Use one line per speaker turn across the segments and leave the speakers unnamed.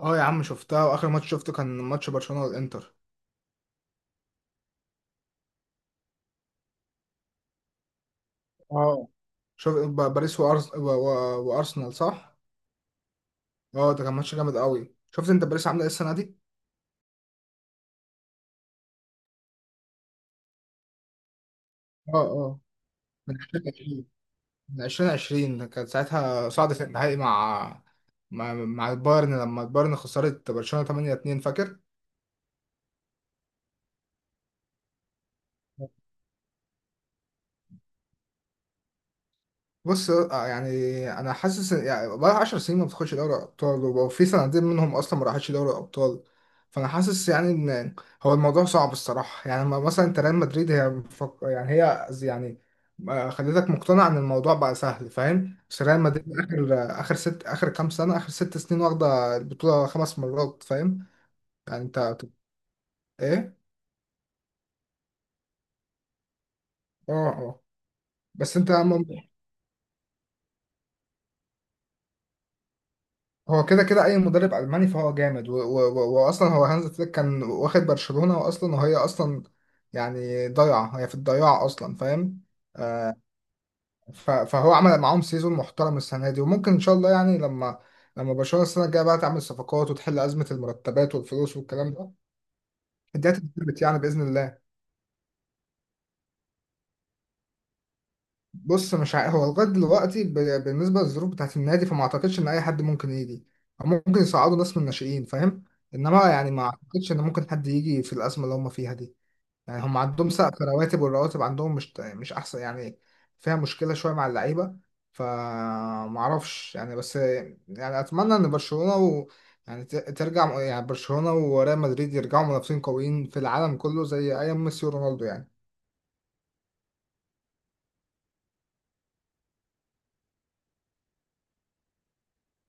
اه يا عم، شفتها. واخر ماتش شفته كان ماتش برشلونة والانتر. اه، شوف، باريس وارسنال، صح. اه، ده كان ماتش جامد قوي. شفت انت باريس عامله ايه السنه دي؟ اه اه، من 2020، كانت ساعتها صعدت النهائي مع مع البايرن، لما البايرن خسرت برشلونة 8-2، فاكر؟ بص، يعني انا حاسس يعني بقى 10 سنين ما بتاخدش دوري ابطال، وفي سنتين منهم اصلا ما راحتش دوري ابطال. فانا حاسس يعني ان هو الموضوع صعب الصراحه، يعني مثلا انت ريال مدريد هي يعني هي يعني خلتك مقتنع ان الموضوع بقى سهل، فاهم؟ بس ريال مدريد اخر اخر ست اخر كام سنه اخر ست سنين واخده البطوله خمس مرات، فاهم يعني انت؟ ايه، اه اه. بس انت هو كده كده اي مدرب الماني فهو جامد واصلا هو هانز فليك كان واخد برشلونة، واصلا وهي اصلا يعني ضايعة، هي في الضياع اصلا، فاهم؟ آه، فهو عمل معاهم سيزون محترم السنة دي، وممكن ان شاء الله يعني لما برشلونة السنة الجاية بقى تعمل صفقات وتحل أزمة المرتبات والفلوس والكلام ده، الدنيا تتظبط يعني بإذن الله. بص مش عارف، هو لغايه دلوقتي بالنسبه للظروف بتاعت النادي، فما اعتقدش ان اي حد ممكن يجي، او ممكن يصعدوا ناس من الناشئين، فاهم؟ انما يعني ما اعتقدش ان ممكن حد يجي في الازمه اللي هم فيها دي. يعني هم عندهم سقف رواتب، والرواتب عندهم مش مش احسن يعني، فيها مشكله شويه مع اللعيبه. فما اعرفش يعني، بس يعني اتمنى ان برشلونه و يعني ترجع يعني برشلونه وريال مدريد يرجعوا منافسين قويين في العالم كله زي ايام ميسي ورونالدو يعني.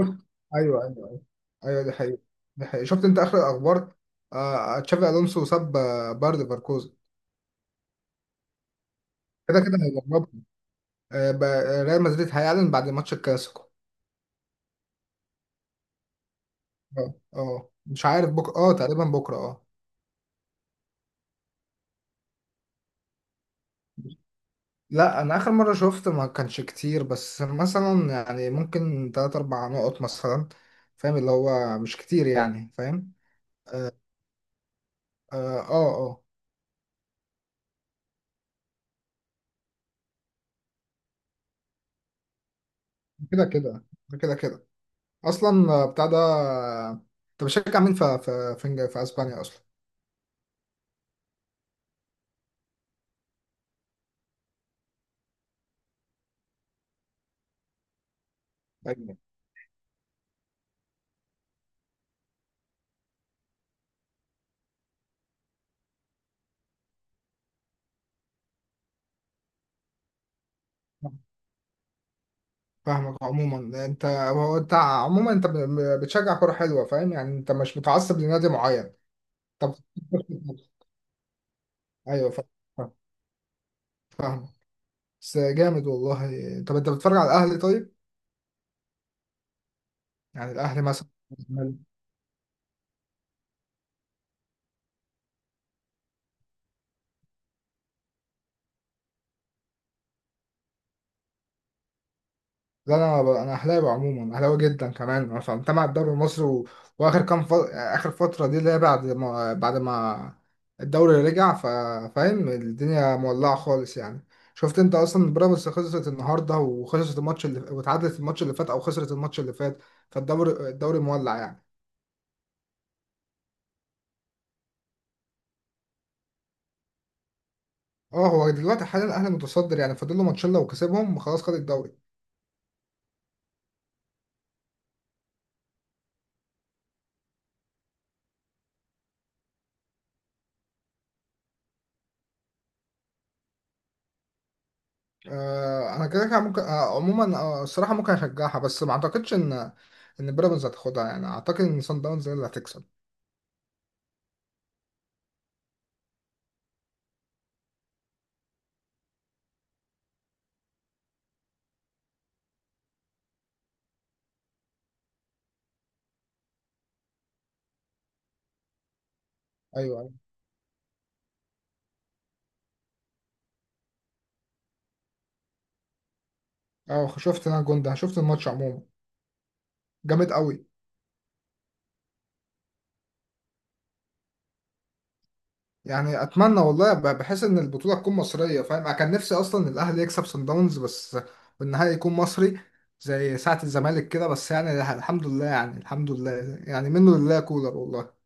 شفت؟ ايوه ايوه ايوه. ايوه دي حقيقة، دي حقيقة. شفت انت اخر الاخبار؟ آه آه، تشافي الونسو ساب باير ليفركوزن. كده كده هيدربهم. ريال مدريد هيعلن بعد ماتش الكلاسيكو. اه اه، مش عارف بكره، اه تقريبا بكره اه. لا انا اخر مره شفت ما كانش كتير، بس مثلا يعني ممكن تلات اربع نقط مثلا، فاهم، اللي هو مش كتير يعني، فاهم. اه اه، آه. كده كده، كده كده. اصلا بتاع ده، انت بتشجع مين في في اسبانيا اصلا؟ أيوة. فاهمك. عموما انت، هو انت عموما انت بتشجع كرة حلوة، فاهم يعني، انت مش متعصب لنادي معين. طب، ايوه فاهم، فاهم، فاهم. بس جامد والله. طب انت بتتفرج على الاهلي طيب؟ يعني الاهلي مثلا. لا انا، انا اهلاوي عموما، اهلاوي جدا كمان، عشان تابع الدوري المصري، واخر كام اخر فتره دي، اللي هي بعد ما الدوري رجع، فاهم، الدنيا مولعه خالص يعني. شفت انت اصلا بيراميدز خسرت النهارده، وخسرت الماتش اللي، وتعادلت الماتش اللي فات او خسرت الماتش اللي فات، فالدوري مولع يعني. اه هو دلوقتي حاليا الاهلي متصدر يعني، فاضل له ماتشين لو كسبهم خلاص خد الدوري. انا كده كده ممكن، عموما الصراحه ممكن اشجعها، بس ما اعتقدش ان ان بيراميدز هتاخدها يعني، اعتقد ان سان داونز هي اللي هتكسب. ايوه ايوه. اه شفت، انا الجون ده شفت الماتش عموما، جامد قوي. يعني اتمنى والله، بحس ان البطوله تكون مصريه، فاهم، انا كان نفسي اصلا الاهلي يكسب سان داونز، بس والنهائي يكون مصري، زي ساعه الزمالك كده، بس يعني الحمد لله، يعني الحمد لله. يعني منه لله كولر والله.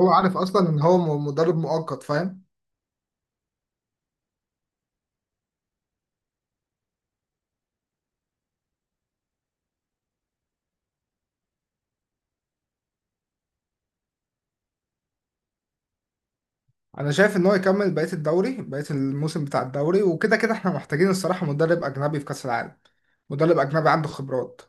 هو عارف اصلا ان هو مدرب مؤقت، فاهم. انا شايف ان هو يكمل بقيه الدوري، بقيه الموسم بتاع الدوري، وكده كده احنا محتاجين الصراحه مدرب اجنبي في كاس العالم، مدرب اجنبي عنده خبرات.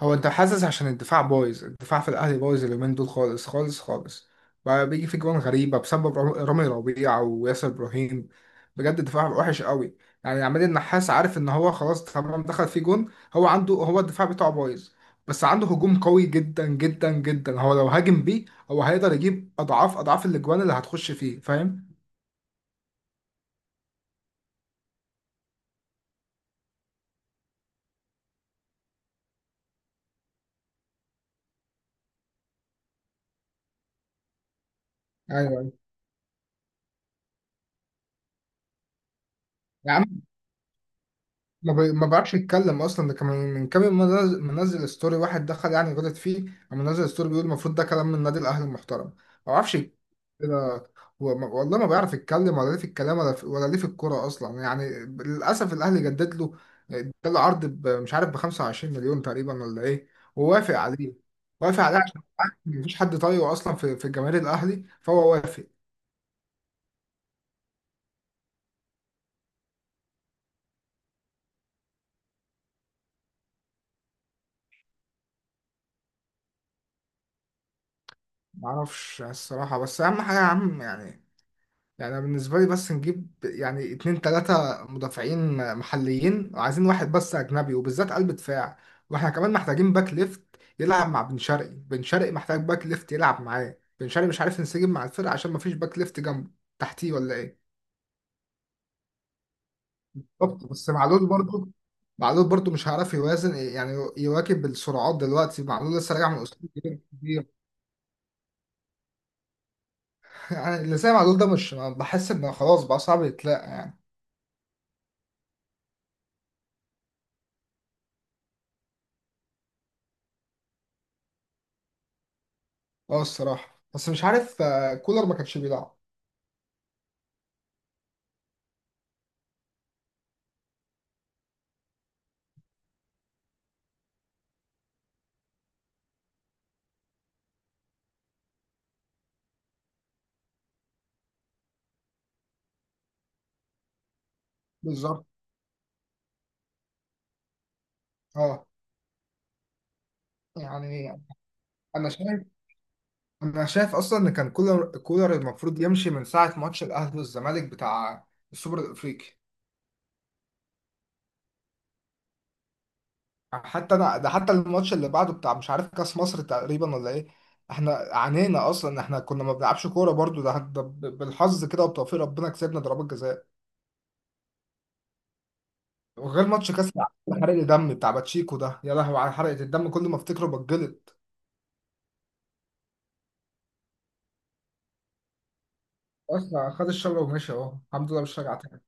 هو انت حاسس؟ عشان الدفاع بايظ، الدفاع في الاهلي بايظ اليومين دول خالص خالص خالص، بقى بيجي في جوان غريبه بسبب رامي ربيعه وياسر ابراهيم. بجد الدفاع وحش قوي، يعني عماد النحاس عارف ان هو خلاص تمام دخل في جون. هو عنده، هو الدفاع بتاعه بايظ بس عنده هجوم قوي جدا جدا جدا. هو لو هاجم بيه، هو هيقدر يجيب اضعاف اضعاف الاجوان اللي هتخش فيه، فاهم. ايوه أيوة. يا عم، ما بيعرفش يتكلم اصلا. ده كان من كام يوم منزل ستوري، واحد دخل يعني غلط فيه، قام منزل ستوري بيقول المفروض ده كلام من نادي الاهلي المحترم، ما بيعرفش يتكلم كده. هو والله ما بيعرف يتكلم، ولا ليه في الكلام، ولا في، ولا ليه في الكوره اصلا يعني. للاسف الاهلي جدد له، اداله عرض مش عارف ب 25 مليون تقريبا ولا ايه، ووافق عليه. وافق عليه عشان مفيش حد طايقه اصلا في جماهير الاهلي، فهو وافق. ما اعرفش الصراحه، بس اهم حاجه يا عم يعني، يعني أنا بالنسبة لي بس نجيب يعني اتنين تلاتة مدافعين محليين، وعايزين واحد بس أجنبي، وبالذات قلب دفاع. واحنا كمان محتاجين باك ليفت يلعب مع بن شرقي، بن شرقي محتاج باك ليفت يلعب معاه، بن شرقي مش عارف ينسجم مع الفرقة عشان مفيش باك ليفت جنبه، تحتيه ولا ايه. بالظبط. بس معلول برضه، مش هيعرف يوازن يعني، يواكب السرعات دلوقتي، معلول لسه راجع من أسلوب كبير. يعني اللي زي معلول ده مش بحس انه خلاص، بقى صعب يتلاقى. اه الصراحة، بس مش عارف كولر ما كانش بيلعب. بالظبط. اه يعني انا شايف انا شايف اصلا ان كان كولر، المفروض يمشي من ساعه ماتش الاهلي والزمالك بتاع السوبر الافريقي. حتى انا ده، حتى الماتش اللي بعده بتاع مش عارف كاس مصر تقريبا ولا ايه، احنا عانينا اصلا، احنا كنا ما بنلعبش كوره برضو، بالحظ كده وبتوفيق ربنا كسبنا ضربات جزاء. وغير ماتش كاس العالم حرق الدم بتاع باتشيكو ده، يا لهوي على حرقه الدم، كل ما افتكره بتجلط. اصلا خد الشبكه ومشي، اهو الحمد لله مش راجع تاني.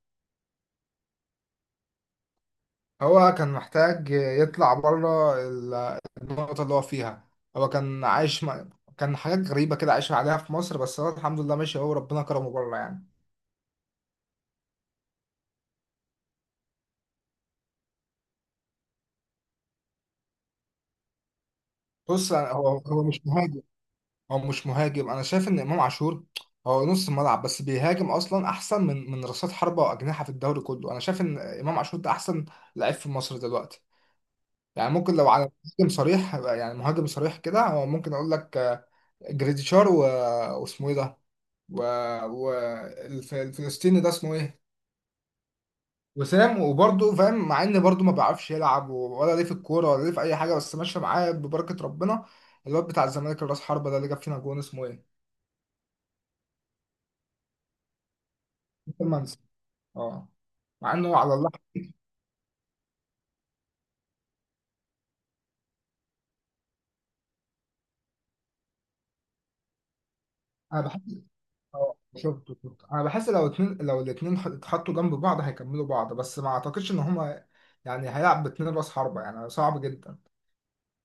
هو كان محتاج يطلع بره النقطة اللي هو فيها. هو كان عايش م... كان حاجات غريبة كده عايش عليها في مصر، بس هو الحمد لله ماشي، هو ربنا كرمه بره يعني. بص هو مش مهاجم. أنا شايف إن إمام عاشور هو نص ملعب بس بيهاجم أصلا أحسن من رأسات حربة وأجنحة في الدوري كله. أنا شايف إن إمام عاشور ده أحسن لعيب في مصر دلوقتي. يعني ممكن لو على مهاجم صريح، يعني مهاجم صريح كده، هو ممكن أقول لك جريديشار واسمه إيه ده، و... و... الفلسطيني ده اسمه ايه، وسام. وبرضه فاهم مع ان برضه ما بيعرفش يلعب ولا ليه في الكوره ولا ليه في اي حاجه، بس ماشيه معاه ببركه ربنا. الواد بتاع الزمالك الراس حربه ده، اللي جاب فينا جون، اسمه ايه؟ منسي، اه. مع انه على الله. انا بحس، اه شفته انا بحس لو الاتنين اتحطوا جنب بعض هيكملوا بعض، بس ما اعتقدش ان هما يعني هيلعب باتنين راس حربه، يعني صعب جدا.